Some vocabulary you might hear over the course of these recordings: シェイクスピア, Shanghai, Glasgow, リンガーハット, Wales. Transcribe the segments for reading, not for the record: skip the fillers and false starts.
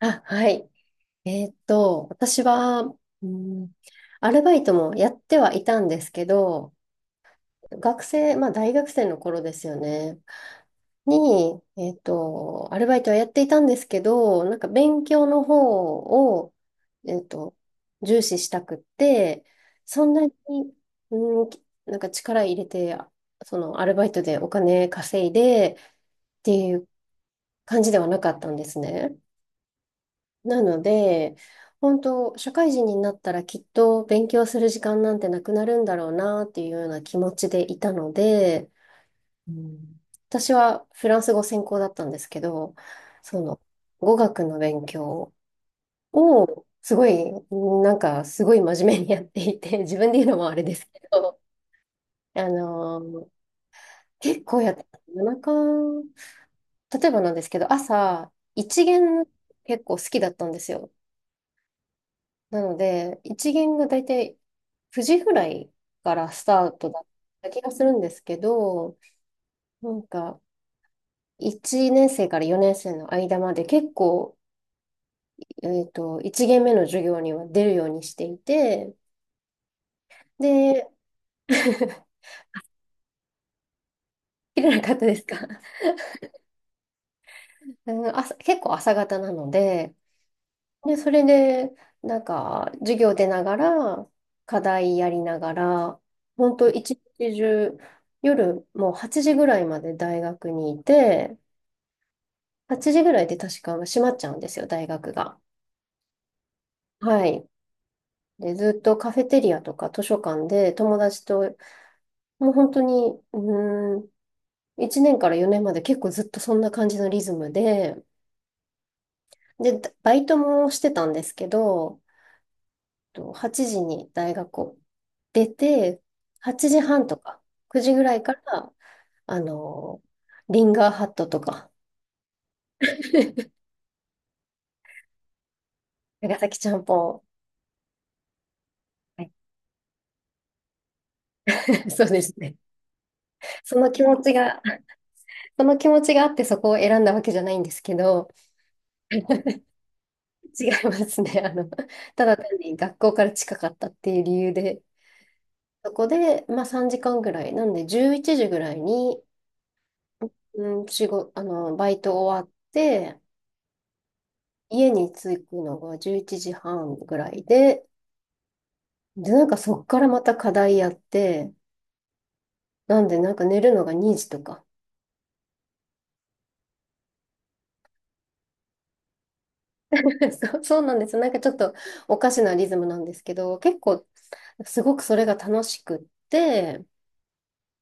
あ、はい。私は、うん、アルバイトもやってはいたんですけど、学生、まあ大学生の頃ですよね、に、アルバイトはやっていたんですけど、なんか勉強の方を、えーっと、重視したくって、そんなに、うん、なんか力入れて、そのアルバイトでお金稼いでっていう感じではなかったんですね。なので、本当、社会人になったらきっと勉強する時間なんてなくなるんだろうなっていうような気持ちでいたので、うん、私はフランス語専攻だったんですけど、その語学の勉強をすごい、なんかすごい真面目にやっていて、自分で言うのもあれですけど、あの結構やってた、夜中、例えばなんですけど、朝、一限結構好きだったんですよ。なので、一限が大体9時ぐらいからスタートだった気がするんですけど、なんか1年生から4年生の間まで結構、1限目の授業には出るようにしていて、で、切れなかったですか うん、朝、結構朝方なので、で、それで、なんか、授業出ながら、課題やりながら、本当一日中、夜もう8時ぐらいまで大学にいて、8時ぐらいで確か閉まっちゃうんですよ、大学が。はい。で、ずっとカフェテリアとか図書館で友達と、もう本当に、1年から4年まで結構ずっとそんな感じのリズムで、で、バイトもしてたんですけど、と8時に大学を出て、8時半とか9時ぐらいから、あの、リンガーハットとか、長崎ちゃんぽん、はい そうですね。その気持ちがその気持ちがあってそこを選んだわけじゃないんですけど、違いますね。ただ単に学校から近かったっていう理由で、そこで、まあ3時間ぐらい、なんで11時ぐらいに、うん、仕事、あの、バイト終わって、家に着くのが11時半ぐらいで、で、なんかそっからまた課題やって、なんでなんか寝るのが2時とか。そうそうなんです。なんかちょっとおかしなリズムなんですけど、結構すごくそれが楽しくって、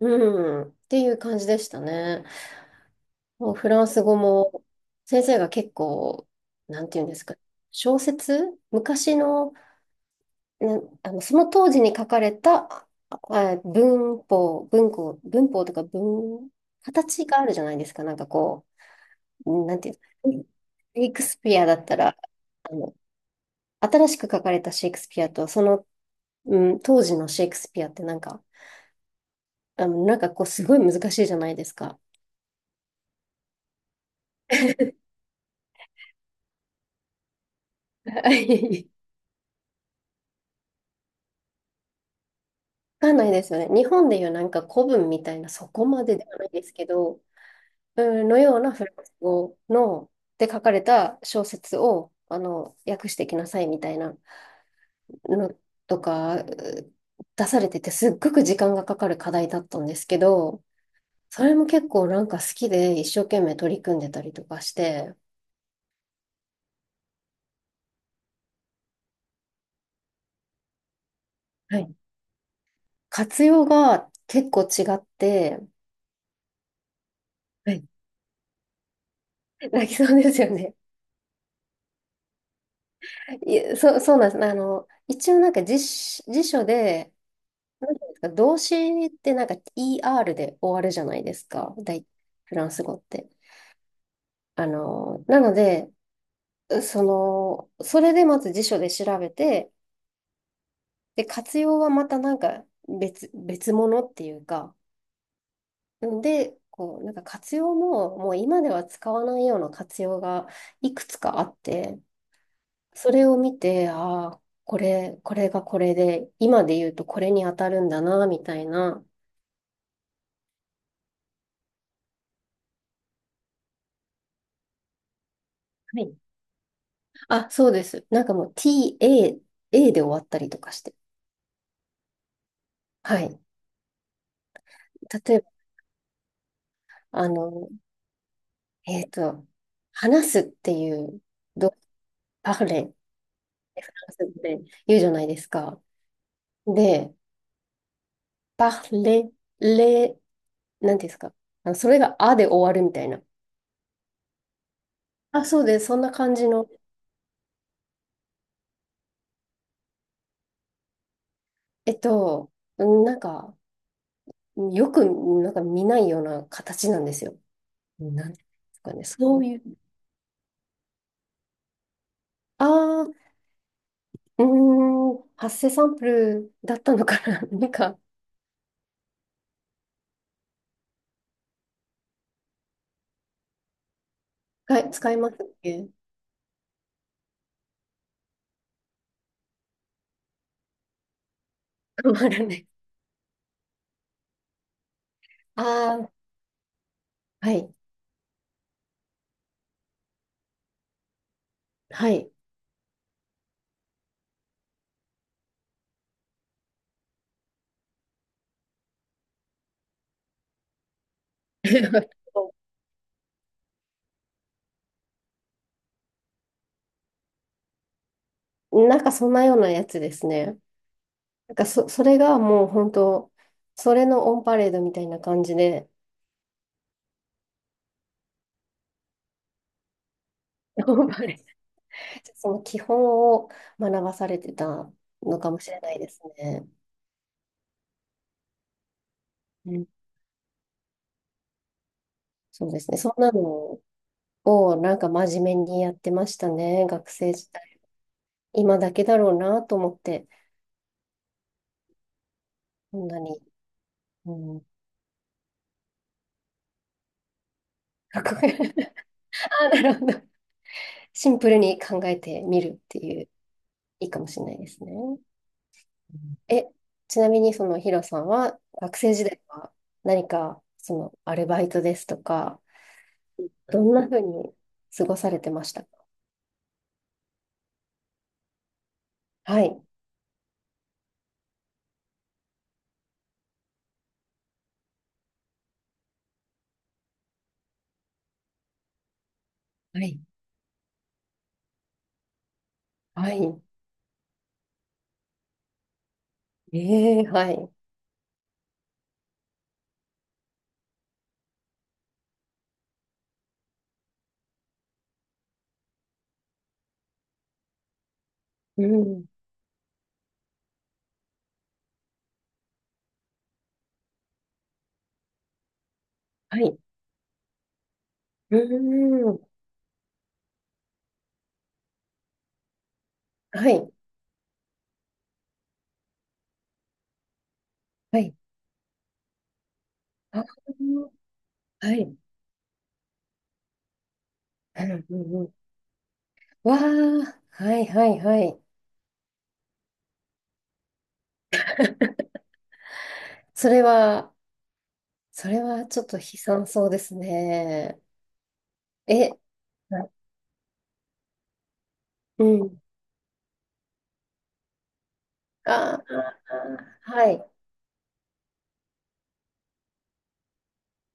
うん、っていう感じでしたね。もうフランス語も先生が結構、なんていうんですか、小説昔の、な、その当時に書かれたあ文法とか形があるじゃないですか。なんかこう、なんていうんですかシェイクスピアだったら、あの、新しく書かれたシェイクスピアと、その、うん、当時のシェイクスピアってなんか、なんかこう、すごい難しいじゃないですか。はい、わかんないですよね。日本でいうなんか古文みたいな、そこまでではないですけど、うんのようなフランス語の、で書かれた小説を、訳してきなさいみたいなのとか、出されてて、すっごく時間がかかる課題だったんですけど、それも結構なんか好きで一生懸命取り組んでたりとかして、はい、活用が結構違って、はい 泣きそうですよね。いや、そうなんです。一応なんか辞書で、なんていうんですか、動詞ってなんか ER で終わるじゃないですか、フランス語って。なので、その、それでまず辞書で調べて、で、活用はまたなんか別物っていうか、で、こう、なんか活用も、もう今では使わないような活用がいくつかあって、それを見て、ああ、これがこれで、今で言うとこれに当たるんだな、みたいな。はい、あ、そうです。なんかもう TA、A で終わったりとかして。はい。例えば、あの、えっと、話すっていう、ど、パフレ、フランス語で言うじゃないですか。で、パフレ、レ、なんていうんですか。あのそれがあで終わるみたいな。あ、そうです。そんな感じの、えっと、なんか、よく、なんか見ないような形なんですよ。なんていうんですかね。そういう、ああ、発生サンプルだったのかな なんか、使いますっけ困るね。ああ、はい、はい。なんかそんなようなやつですね。なんかそれがもう本当、それのオンパレードみたいな感じで、オンパレード。その基本を学ばされてたのかもしれないですね。うん、そうですね。そんなのをなんか真面目にやってましたね、学生時代。今だけだろうなと思って、こんなに。うん、かっこいい。あ、なるほど。シンプルに考えてみるっていう、いいかもしれないですね。え、ちなみにそのヒロさんは、学生時代は何か、そのアルバイトですとか、どんなふうに過ごされてましたか？はい。はい。はい。ええ、はい。うん。はい。うん。はい。はい。あー、はい。うんうんうん。わあ、はいはいはい。それは、それはちょっと悲惨そうですね。え、なうん。ああ、はい。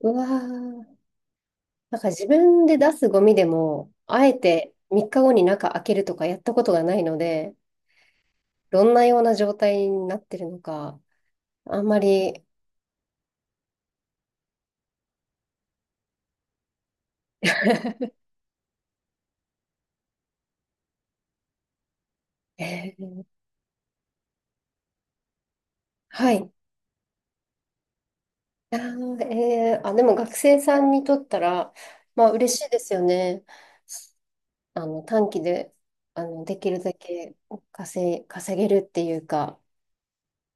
うわー、なんか自分で出すゴミでも、あえて3日後に中開けるとかやったことがないので、どんなような状態になってるのか、あんまり、えーはい。あー、でも学生さんにとったら、まあ嬉しいですよね。短期で、できるだけ稼げるっていうか。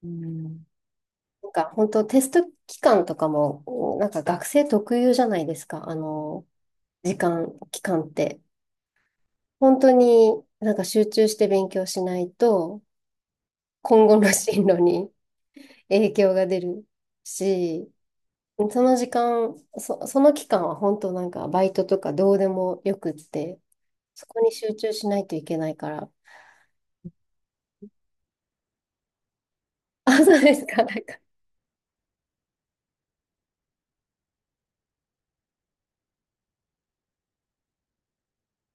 うん、なんか本当テスト期間とかも、なんか学生特有じゃないですか。時間、期間って。本当になんか集中して勉強しないと、今後の進路に影響が出るし、その時間、その期間は本当なんかバイトとかどうでもよくって、そこに集中しないといけないから。あ、そうですか。なんか、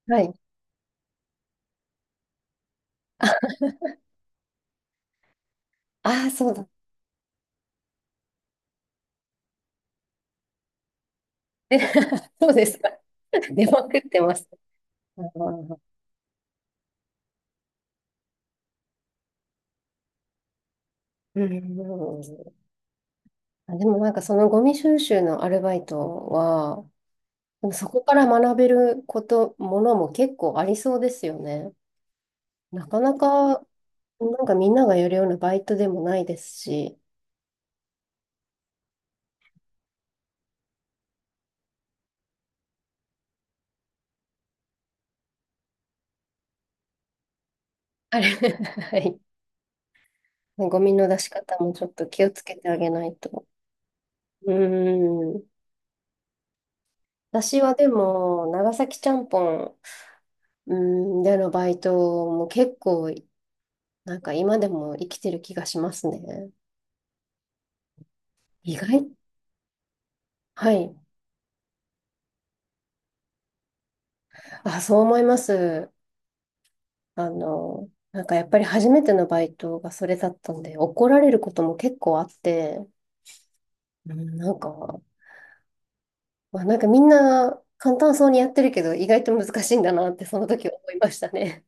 はい。ああ、そうだ。そうですか。出まくってます。うん、あ、でもなんかそのゴミ収集のアルバイトは、でもそこから学べること、ものも結構ありそうですよね。なかなか、なんかみんながやるようなバイトでもないですし、あれ、はい。ゴミの出し方もちょっと気をつけてあげないと。うーん。私はでも、長崎ちゃんぽん、うでのバイトも結構、なんか今でも生きてる気がしますね。意外、はい。あ、そう思います。なんかやっぱり初めてのバイトがそれだったんで、怒られることも結構あって、うん、なんか、まあ、なんかみんな簡単そうにやってるけど、意外と難しいんだなってその時思いましたね。